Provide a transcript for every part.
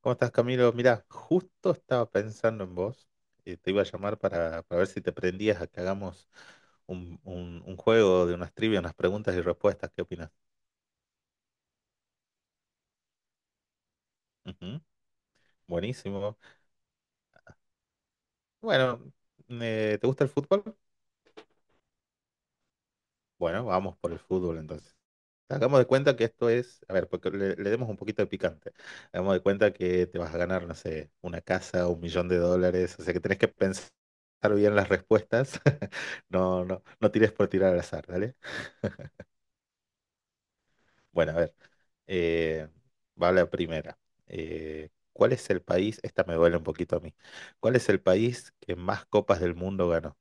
¿Cómo estás, Camilo? Mira, justo estaba pensando en vos. Te iba a llamar para ver si te prendías a que hagamos un juego de unas trivias, unas preguntas y respuestas. ¿Qué opinas? Ujú, buenísimo. Bueno, ¿te gusta el fútbol? Bueno, vamos por el fútbol entonces. Hagamos de cuenta que esto es, a ver, porque le demos un poquito de picante. Hagamos de cuenta que te vas a ganar, no sé, una casa, un millón de dólares. O sea que tenés que pensar bien las respuestas. No, no, no tires por tirar al azar. Bueno, a ver, eh, va la primera. ¿Cuál es el país? Esta me duele un poquito a mí. ¿Cuál es el país que más copas del mundo ganó?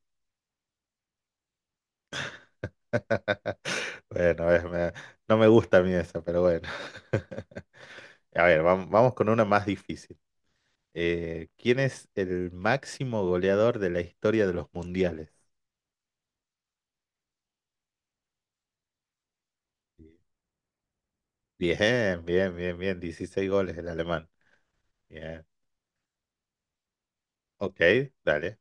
Bueno, no me gusta a mí esa, pero bueno. A ver, vamos con una más difícil. ¿Quién es el máximo goleador de la historia de los mundiales? Bien, bien, bien, bien. 16 goles el alemán. Bien. Ok, dale.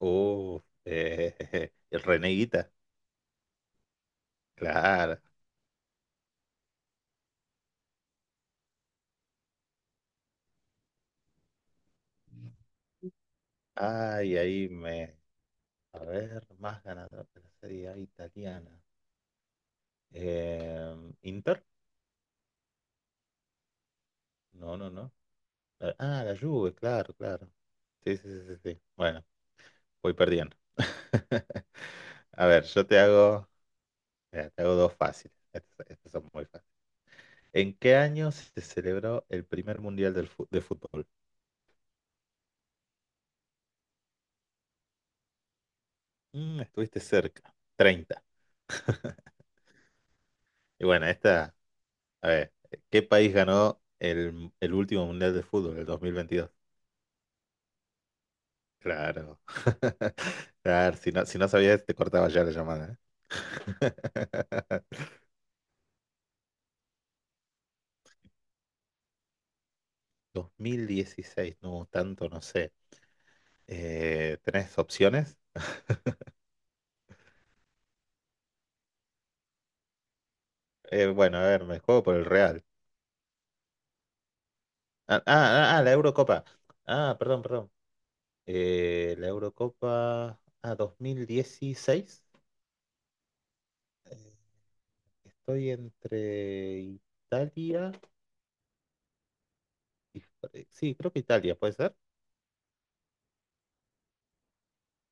Uh, el Reneguita. Claro. Ay, ahí me. A ver, más ganador de la Serie A italiana. Eh, ¿Inter? No, no, no. Ah, la Juve, claro, claro. Sí, sí, sí, sí. Sí. Bueno, voy perdiendo. A ver, yo te hago, mira, te hago dos fáciles. Estos son muy fáciles. ¿En qué año se celebró el primer mundial de fútbol? Mm, estuviste cerca. 30. Y bueno, esta, a ver, ¿qué país ganó el último mundial de fútbol, el 2022? Claro. Claro, si no, si no sabías, te cortaba ya la llamada. ¿Eh? 2016, no, tanto no sé. ¿Tenés opciones? Bueno, a ver, me juego por el Real. Ah, ah, ah, la Eurocopa. Ah, perdón, perdón. La Eurocopa. Ah, 2016. Eh, estoy entre Italia y sí, creo que Italia, ¿puede ser?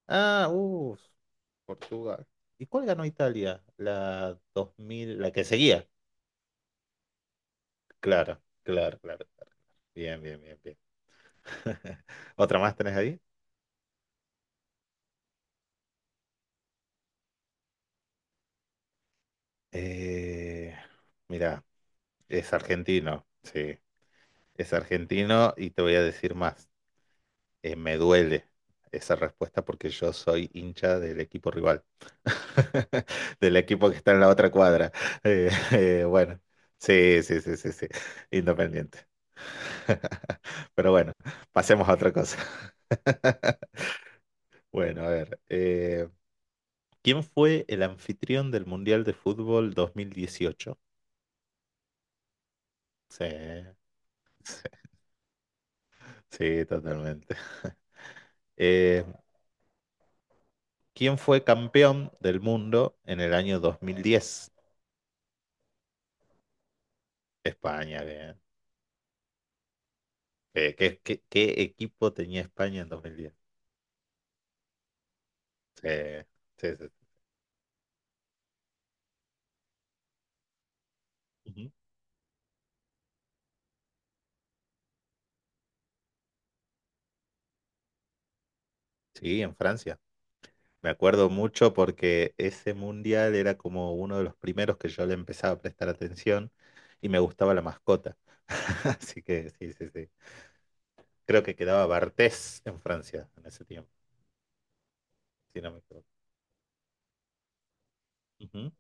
Ah, uff. Portugal. ¿Y cuál ganó Italia? La 2000, la que seguía. Claro, claro, claro, claro. Bien, bien, bien, bien. ¿Otra más tenés ahí? Eh, mira, es argentino, sí. Es argentino y te voy a decir más. Me duele esa respuesta porque yo soy hincha del equipo rival, del equipo que está en la otra cuadra. Bueno, sí, sí, sí, sí, sí. Independiente. Pero bueno, pasemos a otra cosa. Bueno, a ver. ¿Quién fue el anfitrión del Mundial de Fútbol 2018? Sí, sí, sí, totalmente. Eh, ¿Quién fue campeón del mundo en el año 2010? España, bien. ¿Qué equipo tenía España en 2010? Sí, sí, sí. Ujú. Sí, en Francia. Me acuerdo mucho porque ese mundial era como uno de los primeros que yo le empezaba a prestar atención y me gustaba la mascota. Así que sí, sí, sí. Creo que quedaba Bartés en Francia en ese tiempo, si no me equivoco. Ujú.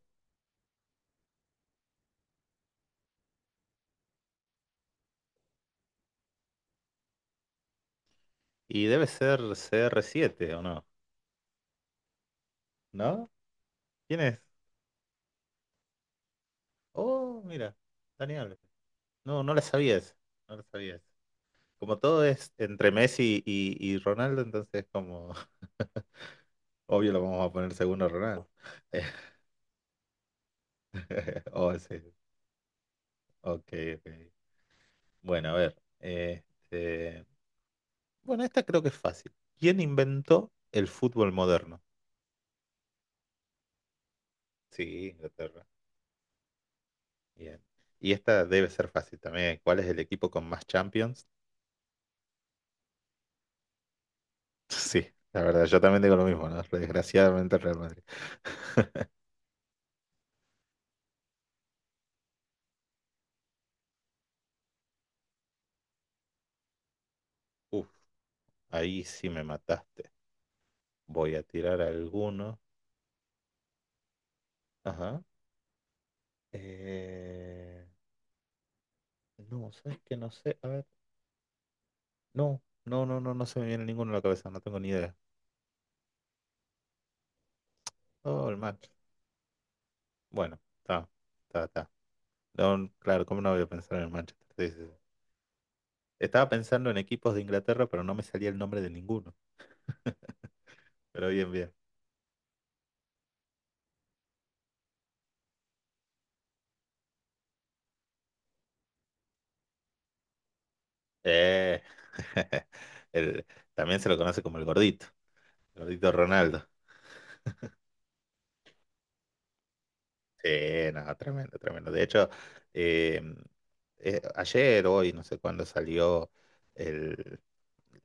Y debe ser CR7 o no, ¿no? ¿Quién es? Oh, mira, Dani Alves. No, no la sabías, no la sabías. Como todo es entre Messi y Ronaldo, entonces como obvio lo vamos a poner segundo a Ronaldo. Oh, sí. Sí, sí. Ok, ok. Bueno, a ver. Este... Bueno, esta creo que es fácil. ¿Quién inventó el fútbol moderno? Sí, Inglaterra. Bien. Y esta debe ser fácil también. ¿Cuál es el equipo con más Champions? Sí, la verdad, yo también digo lo mismo, ¿no? Desgraciadamente el Real Madrid. Uf, ahí sí me mataste. Voy a tirar alguno. Ajá. Eh, no, ¿sabes qué? No sé. A ver. No, no, no, no, no se me viene ninguno a la cabeza. No tengo ni idea. Oh, el man. Bueno, está, está, está. No, claro, ¿cómo no voy a pensar en el Manchester? Sí, sí, sí. Estaba pensando en equipos de Inglaterra, pero no me salía el nombre de ninguno. Pero bien, bien. Eh, el- también se lo conoce como el gordito Ronaldo. Sí, no, tremendo, tremendo. De hecho, eh, ayer, hoy, no sé cuándo salió el,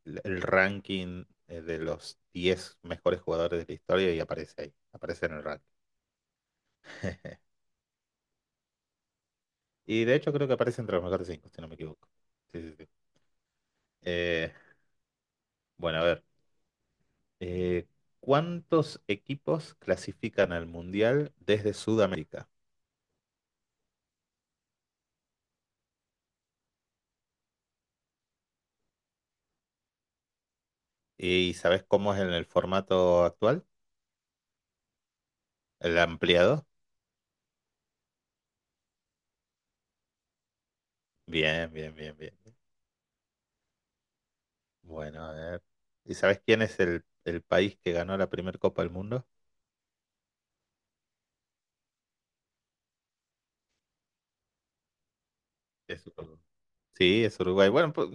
el ranking de los 10 mejores jugadores de la historia y aparece ahí, aparece en el ranking. Y de hecho creo que aparece entre los mejores cinco, si no me equivoco. Sí, sí, sí. Eh, bueno, a ver. eh, ¿Cuántos equipos clasifican al Mundial desde Sudamérica? ¿Y sabes cómo es en el formato actual? ¿El ampliado? Bien, bien, bien, bien. Bueno, a ver. ¿Y sabes quién es el país que ganó la primera Copa del Mundo? Es Uruguay. Sí, es Uruguay. Bueno, pues,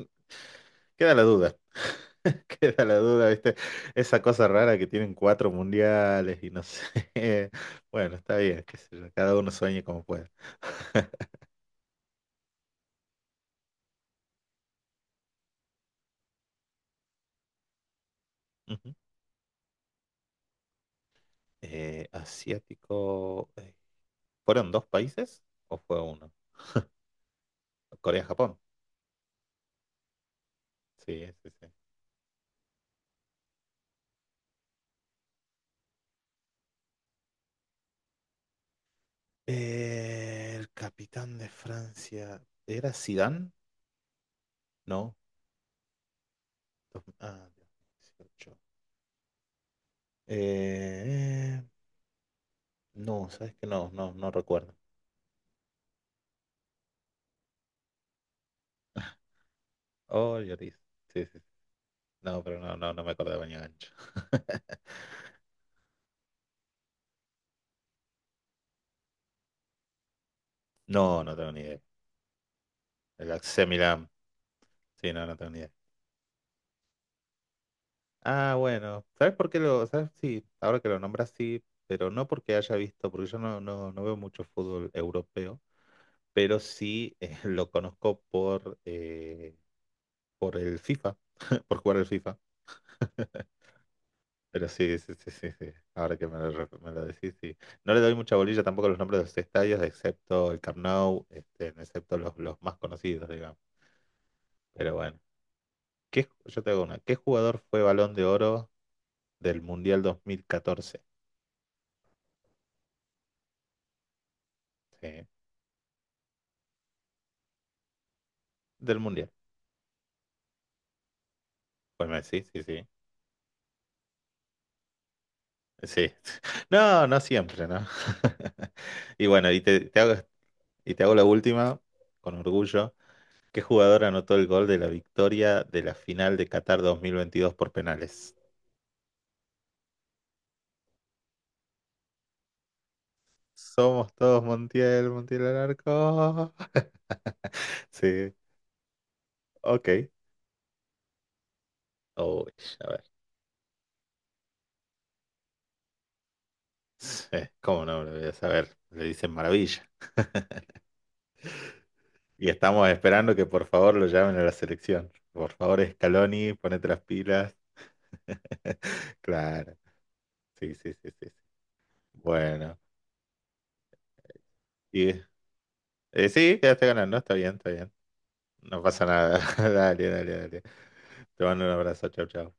queda la duda. Queda la duda, ¿viste? Esa cosa rara que tienen cuatro mundiales y no sé. Bueno, está bien, qué sé yo, cada uno sueñe como pueda. Ujú. Asiático. ¿Fueron dos países o fue uno? Corea-Japón. Sí, sí, sí. El capitán de Francia. ¿Era Zidane? No. Ah, 2018. Eh, no, sabes que no, no, no recuerdo. Oh, Lloris. Sí, sí. No, pero no, no, no me acordaba ni a gancho. No, no tengo ni idea. El AC Milan. Sí, no, no tengo ni idea. Ah, bueno. ¿Sabes por qué lo...? ¿Sabes? Sí, ahora que lo nombras, sí, pero no porque haya visto, porque yo no, no, no veo mucho fútbol europeo, pero sí lo conozco por el FIFA, por jugar el FIFA. Pero sí, sí, sí, sí, sí. Ahora que me lo, me lo decís, sí. No le doy mucha bolilla tampoco a los nombres de los estadios, excepto el Camp Nou, este, excepto los más conocidos, digamos. Pero bueno. Yo te hago una. ¿Qué jugador fue Balón de Oro del Mundial 2014? Sí, del Mundial. Pues Messi, sí, sí. Sí. No, no siempre, ¿no? Y bueno, y te hago la última, con orgullo. ¿Qué jugador anotó el gol de la victoria de la final de Qatar 2022 por penales? Somos todos Montiel, Montiel al arco. Sí, ok. Uy, a ver. ¿Cómo no me lo voy a saber? Le dicen maravilla. Y estamos esperando que por favor lo llamen a la selección. Por favor, Scaloni, ponete las pilas. Claro, sí, sí, sí, sí. Sí. Bueno, y sí, quedaste ganando, está bien, está bien. No pasa nada. Dale, dale, dale. Te mando un abrazo, chau, chau.